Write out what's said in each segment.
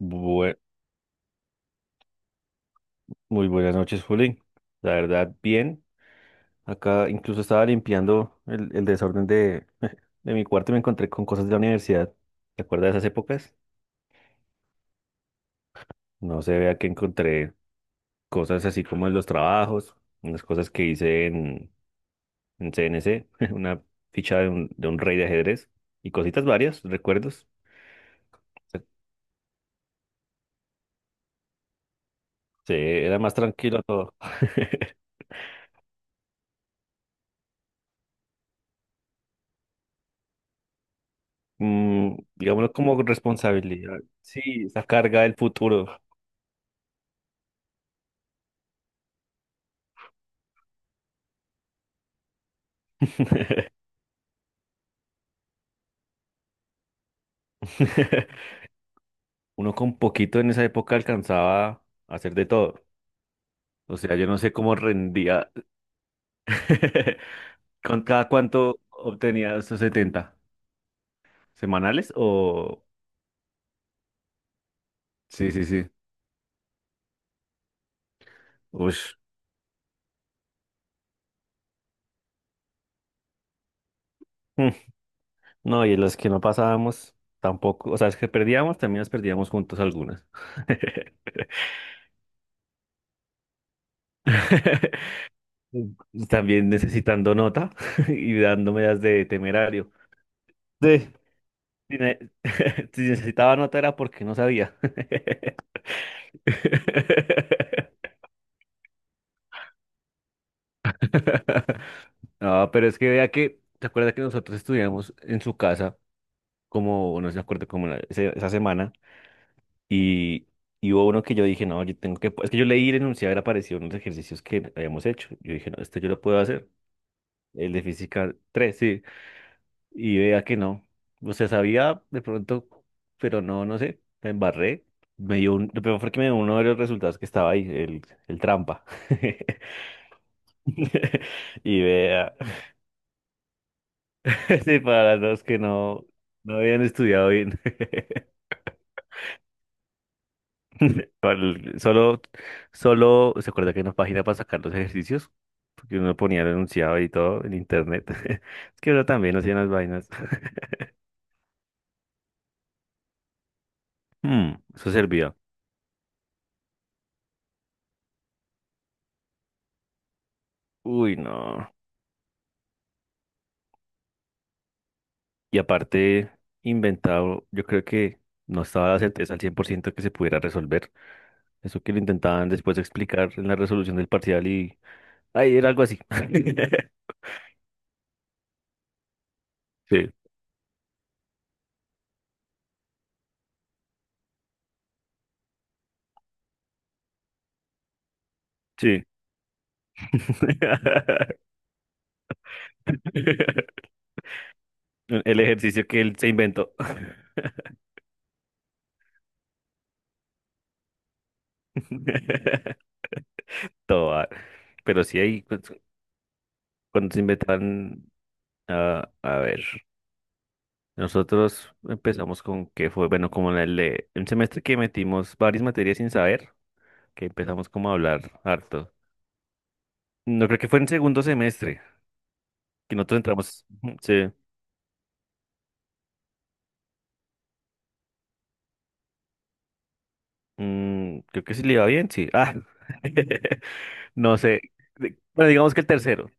Bue- Muy buenas noches, Juli. La verdad, bien. Acá incluso estaba limpiando el desorden de, de mi cuarto y me encontré con cosas de la universidad. ¿Te acuerdas de esas épocas? No se vea que encontré cosas así como en los trabajos, unas cosas que hice en CNC, una ficha de un rey de ajedrez y cositas varias, recuerdos. Sí, era más tranquilo todo. Mm, digámoslo como responsabilidad. Sí, esa carga del futuro. Uno con poquito en esa época alcanzaba a hacer de todo. O sea, yo no sé cómo rendía. ¿Con cada cuánto obtenía esos 70? ¿Semanales o...? Sí, sí, sí. Ush. Mm. No, y los que no pasábamos tampoco. O sea, es que perdíamos, también las perdíamos juntos algunas. También necesitando nota y dándome las de temerario. Sí. Si ne- si necesitaba nota era porque no sabía. No, pero es que vea que, ¿te acuerdas que nosotros estudiamos en su casa, como, no se acuerda, como esa semana, y, y hubo uno que yo dije, no, yo tengo que, es que yo leí y enunciar apareció en los ejercicios que habíamos hecho. Yo dije, no, este yo lo puedo hacer, el de física 3 sí, y vea que no. O sea, sabía de pronto, pero no sé, me embarré. Me dio un, lo peor fue que me dio uno de los resultados que estaba ahí, el trampa. Y vea. Sí, para las dos que no, no habían estudiado bien. Solo, solo se acuerda que hay una página para sacar los ejercicios, porque uno ponía el enunciado y todo en internet. Es que uno también hacía las vainas. Hmm, eso servía. Uy, no. Y aparte, inventado, yo creo que no estaba la certeza al 100 por ciento que se pudiera resolver. Eso que lo intentaban después explicar en la resolución del parcial y... Ay, era algo así. Sí, sí. El ejercicio que él se inventó. Toda. Pero sí hay pues, cuando se inventan, ah, a ver, nosotros empezamos con que fue, bueno, como en un semestre que metimos varias materias sin saber, que empezamos como a hablar harto. No creo que fue en segundo semestre, que nosotros entramos, ujú, sí, mm, creo que sí le iba bien, sí. Ah, no sé, bueno, digamos que el tercero,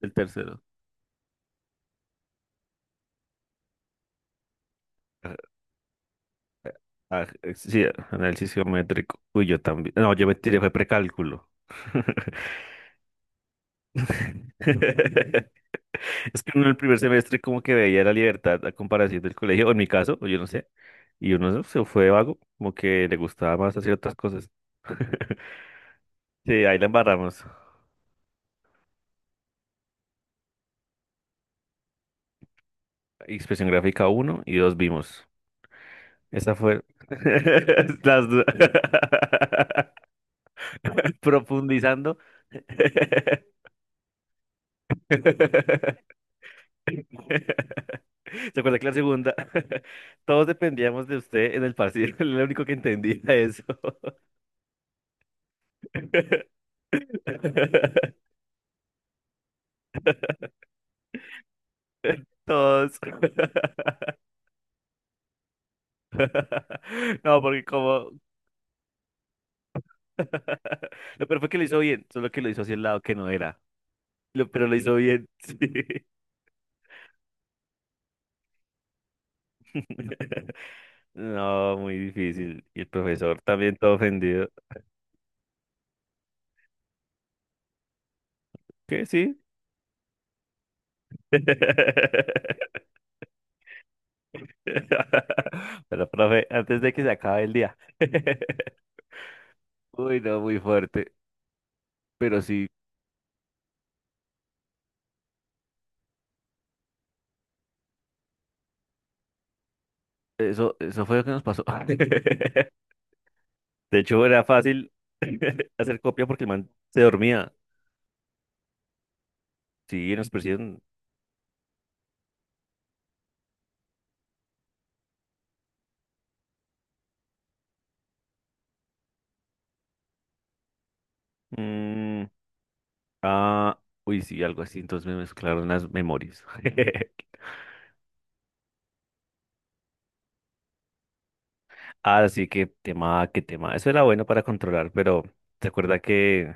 el tercero. Ah, sí, análisis geométrico. Uy, yo también. No, yo me tiré, fue precálculo. Es que uno en el primer semestre como que veía la libertad a comparación del colegio, o en mi caso, o yo no sé, y uno no, se fue vago, como que le gustaba más hacer otras cosas. Sí, ahí la embarramos. Expresión gráfica uno y dos vimos. Esa fue las dos. Profundizando. ¿Se acuerda que la segunda? Todos dependíamos de usted en el partido. Era el único que entendía eso. Todos. No, porque como... Lo peor fue que lo hizo bien, solo que lo hizo hacia el lado que no era. Pero lo hizo bien, sí. No, muy difícil. Y el profesor también todo ofendido. ¿Qué? Sí. Pero, profe, antes de que se acabe el día. Uy, no, muy fuerte. Pero sí, eso fue lo que nos pasó. De hecho, era fácil hacer copia porque el man se dormía. Sí, nos persiguieron. Mm, ah, uy, sí, algo así. Entonces me mezclaron las memorias. Así que tema, qué tema. Eso era bueno para controlar, pero ¿te acuerdas que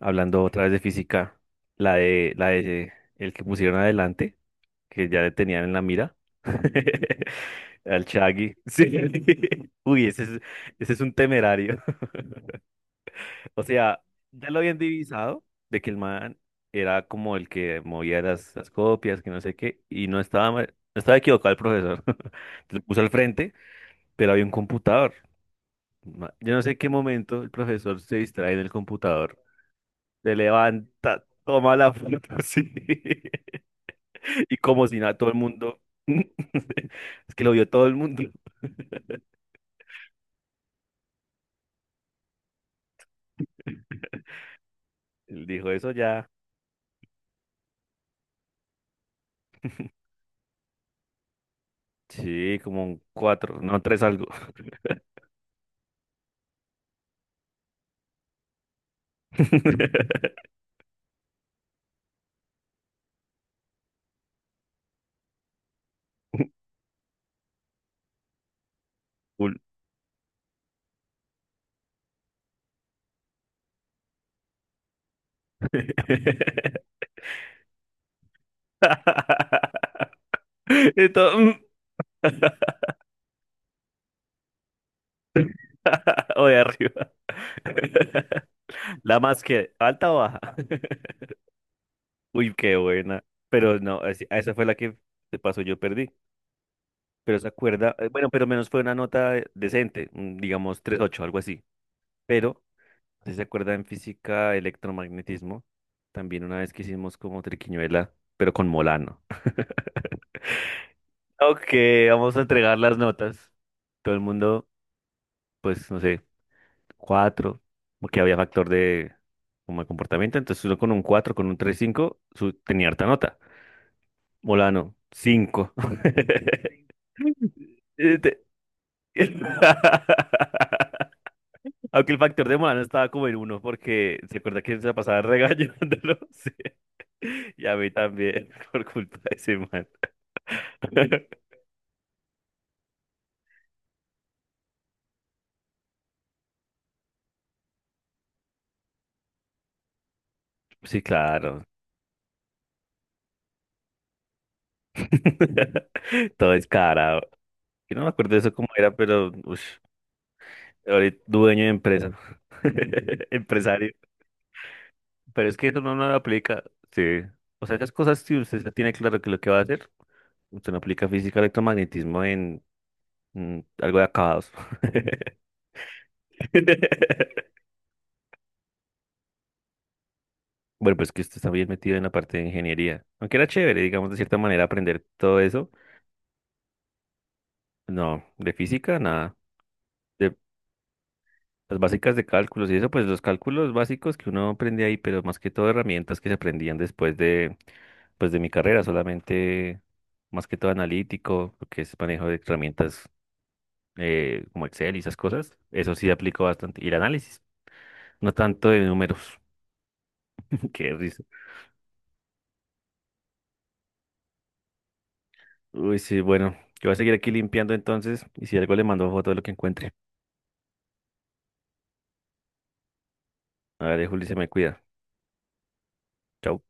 hablando otra vez de física, la de el que pusieron adelante? Que ya le tenían en la mira. Al Shaggy. Sí. Uy, ese es un temerario. O sea, ya lo habían divisado de que el man era como el que movía las copias, que no sé qué, y no estaba, no estaba equivocado el profesor. Lo puso al frente, pero había un computador. Yo no sé en qué momento el profesor se distrae en el computador, se levanta, toma la foto así, y como si nada, todo el mundo. Es que lo vio todo el mundo. Él dijo eso ya. Sí, como un cuatro, no, tres algo. Full. Y todo, mm. O de arriba. La más que, ¿alta o baja? Uy, qué buena. Pero no, esa fue la que de paso yo perdí. Pero se acuerda, bueno, pero menos fue una nota decente, mm, digamos 3.8 algo así. Pero si se acuerda en física, electromagnetismo, también una vez que hicimos como triquiñuela, pero con Molano. Ok, vamos a entregar las notas. Todo el mundo, pues, no sé, cuatro, porque había factor de como de comportamiento. Entonces uno con un cuatro, con un 3,5, su, tenía harta nota. Molano, cinco. Este- Aunque el factor de humano no estaba como en uno, porque se acuerda que se la pasaba regañándolo. Sí. Y a mí también, por culpa de ese man. Sí, claro. Todo descarado. Yo no me acuerdo de eso cómo era, pero ush, ahorita dueño de empresa. Empresario. Pero es que eso no, no lo aplica, sí. O sea, esas cosas, si usted ya tiene claro que lo que va a hacer, usted no aplica física electromagnetismo en mm, algo de acabados. Bueno, pues que usted está bien metido en la parte de ingeniería. Aunque era chévere, digamos, de cierta manera, aprender todo eso. No, de física, nada. Las básicas de cálculos y eso, pues los cálculos básicos que uno aprende ahí, pero más que todo herramientas que se aprendían después de, pues de mi carrera, solamente más que todo analítico, lo que es manejo de herramientas como Excel y esas cosas, eso sí aplico bastante. Y el análisis, no tanto de números, qué risa. Uy, sí, bueno, yo voy a seguir aquí limpiando entonces y si algo le mando foto de lo que encuentre. A ver, Juli, se me cuida. Chau.